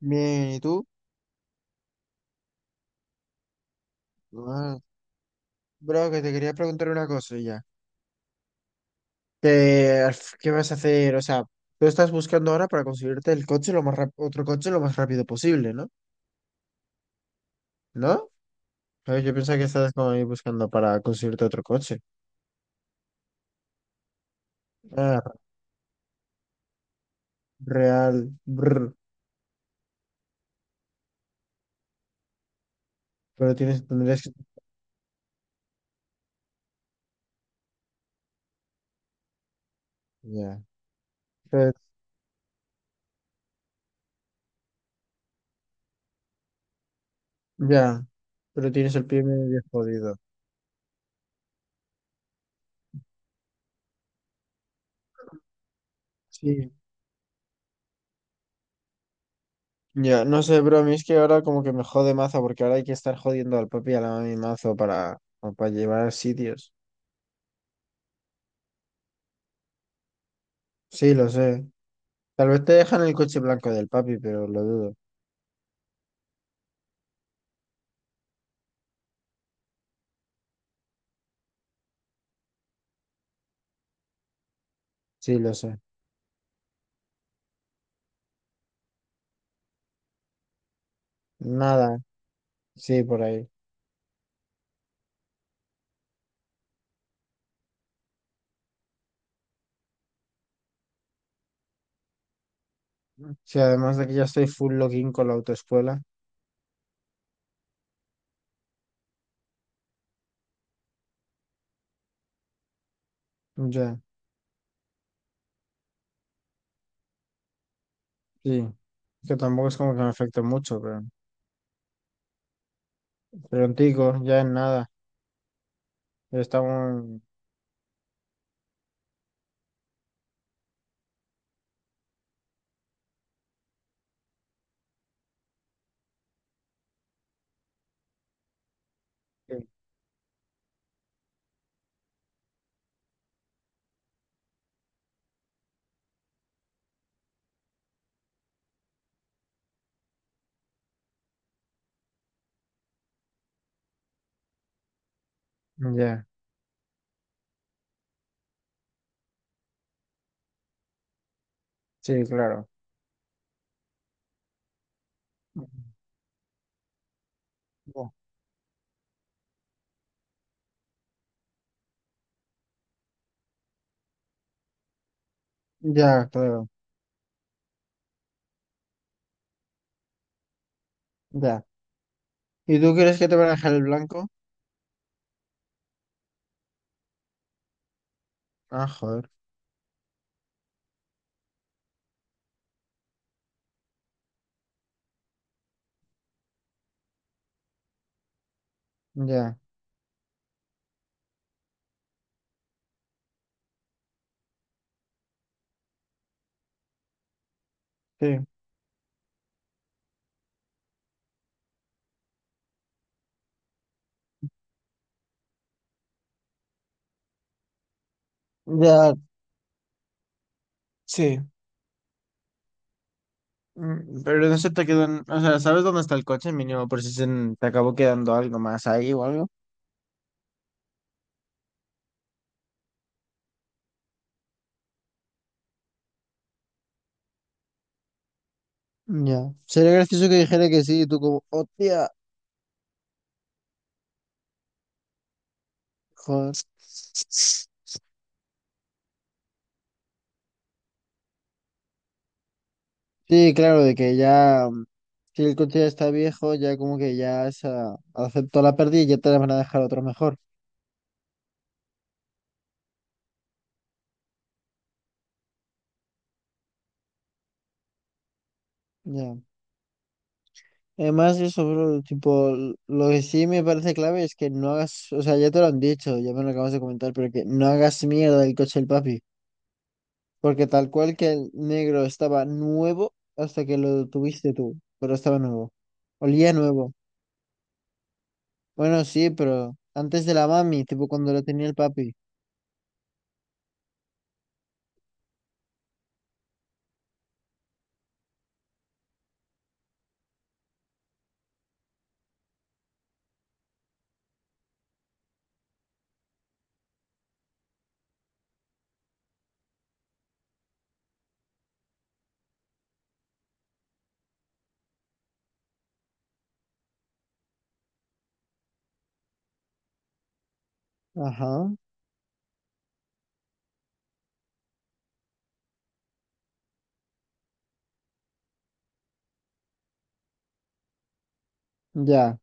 Bien, ¿y tú? Ah, bro, que te quería preguntar una cosa ya. ¿Qué, qué vas a hacer? O sea, tú estás buscando ahora para conseguirte el coche otro coche lo más rápido posible, ¿no? ¿No? Ay, yo pensaba que estabas como ahí buscando para conseguirte otro coche. Ah, real, brr, pero tendrías que... Ya, pero- ya, pero tienes el pie medio jodido. Sí. Ya, no sé, bro, a mí es que ahora como que me jode mazo porque ahora hay que estar jodiendo al papi y a la mami mazo para llevar a sitios. Sí, lo sé. Tal vez te dejan el coche blanco del papi, pero lo dudo. Sí, lo sé. Nada, sí, por ahí. Sí, además de que ya estoy full login con la autoescuela. Ya, sí. Que tampoco es como que me afecte mucho, pero Prontico, ya en nada. Ya estamos. Sí. Ya, sí, claro. Ya, ya, claro. Ya. ¿Y tú crees que te van a dejar el blanco? Ah, joder. Ya, sí. Ya, sí. Pero no se te quedan, o sea, ¿sabes dónde está el coche mínimo por si te acabó quedando algo más ahí o algo? Ya. Sería gracioso que dijera que sí, y tú como, hostia, joder. Sí, claro, de que ya, si el coche ya está viejo, ya como que ya esa, aceptó la pérdida y ya te la van a dejar otro mejor. Ya. Además, eso, bro, tipo, lo que sí me parece clave es que no hagas, o sea, ya te lo han dicho, ya me lo acabas de comentar, pero que no hagas mierda del coche del papi. Porque tal cual que el negro estaba nuevo hasta que lo tuviste tú, pero estaba nuevo. Olía nuevo. Bueno, sí, pero antes de la mami, tipo cuando lo tenía el papi. Ajá, ya.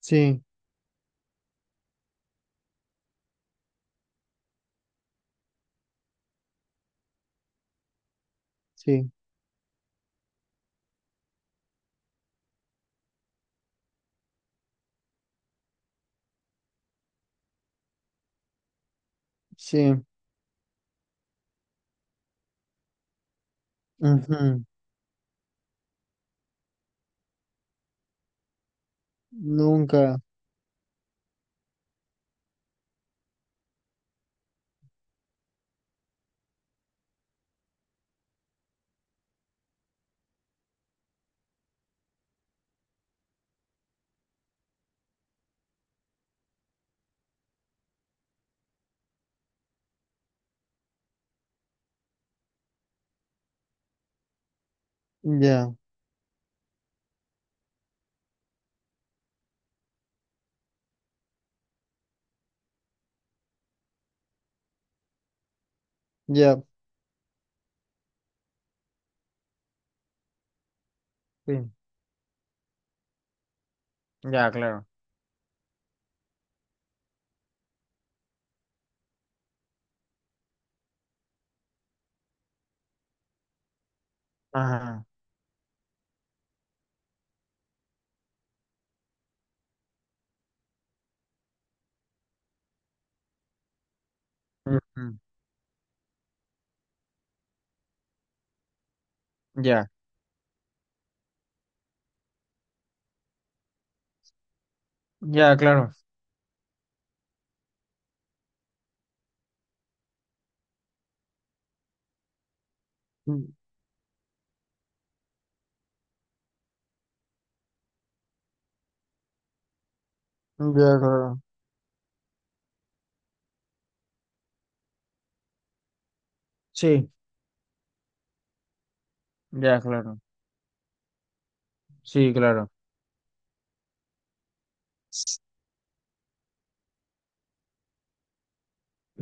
Sí, sí, sí. Ujú. Nunca. Ya, ya. Sí, ya, claro. Ajá. Ujú. Ya, ya, claro. Mm, ya, claro. Sí, ya, claro. Sí, claro.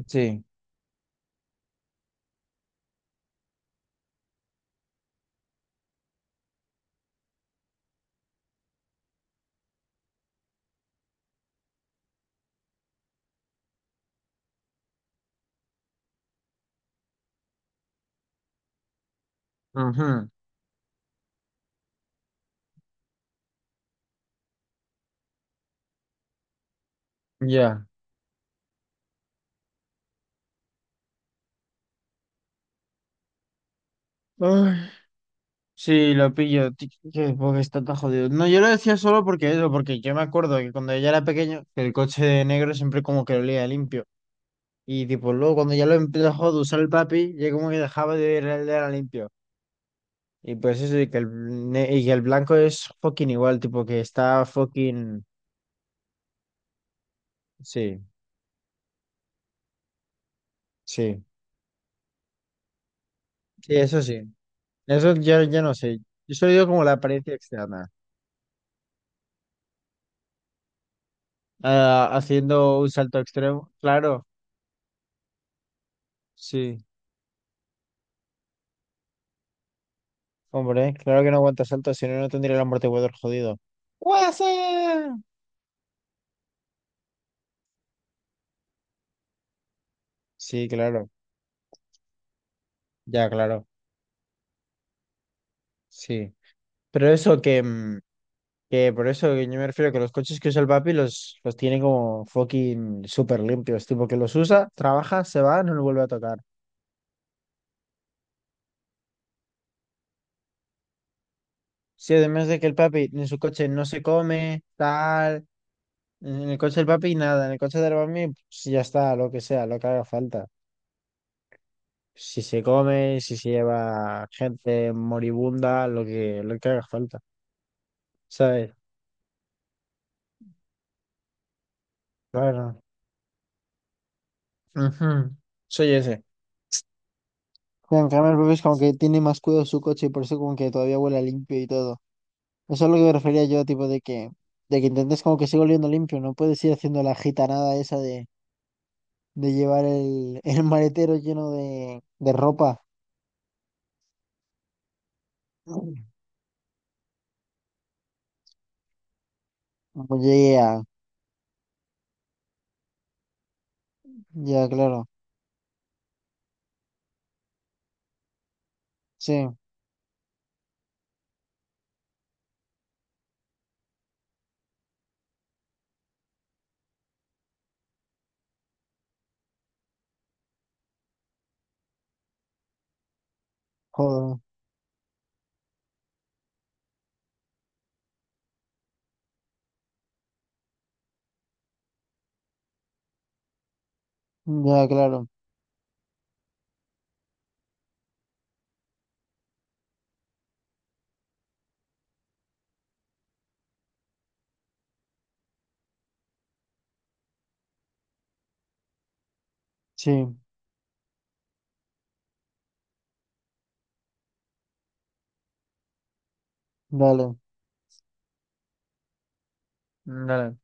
Sí. Ujú. Ya. Ay, sí, lo pillo, porque está tan jodido. No, yo lo decía solo porque eso, porque yo me acuerdo que cuando yo era pequeño, que el coche de negro siempre como que olía limpio. Y tipo, luego cuando ya lo empezó de usar el papi, ya como que dejaba de oler el de era limpio. Y pues eso, y que y que el blanco es fucking igual, tipo que está fucking... Sí, sí, sí. Eso ya, ya no sé. Yo solo digo como la apariencia externa. Ah, haciendo un salto extremo, claro, sí. Hombre, claro que no aguanta salto, si no, no tendría el amortiguador jodido. ¡Guasa! Sí, claro, ya, claro, sí. Pero eso que, que por eso que yo me refiero que los coches que usa el papi los tiene como fucking súper limpios, tipo que los usa, trabaja, se va, no lo vuelve a tocar. Sí, además de que el papi en su coche no se come, tal, en el coche del papi nada, en el coche del mami, pues ya está, lo que sea, lo que haga falta. Si se come, si se lleva gente moribunda, lo que haga falta, ¿sabes? Claro. Ujú. Soy ese. Mira, en cambio, el Pepe es como que tiene más cuidado su coche y por eso como que todavía huele a limpio y todo. Eso es lo que me refería yo, tipo de que intentes como que siga oliendo limpio, no puedes ir haciendo la gitanada esa de, llevar el, el maletero lleno de ropa. Oye, ya, ya, claro. Sí, joder, ya, claro. Sí, dale. Dale.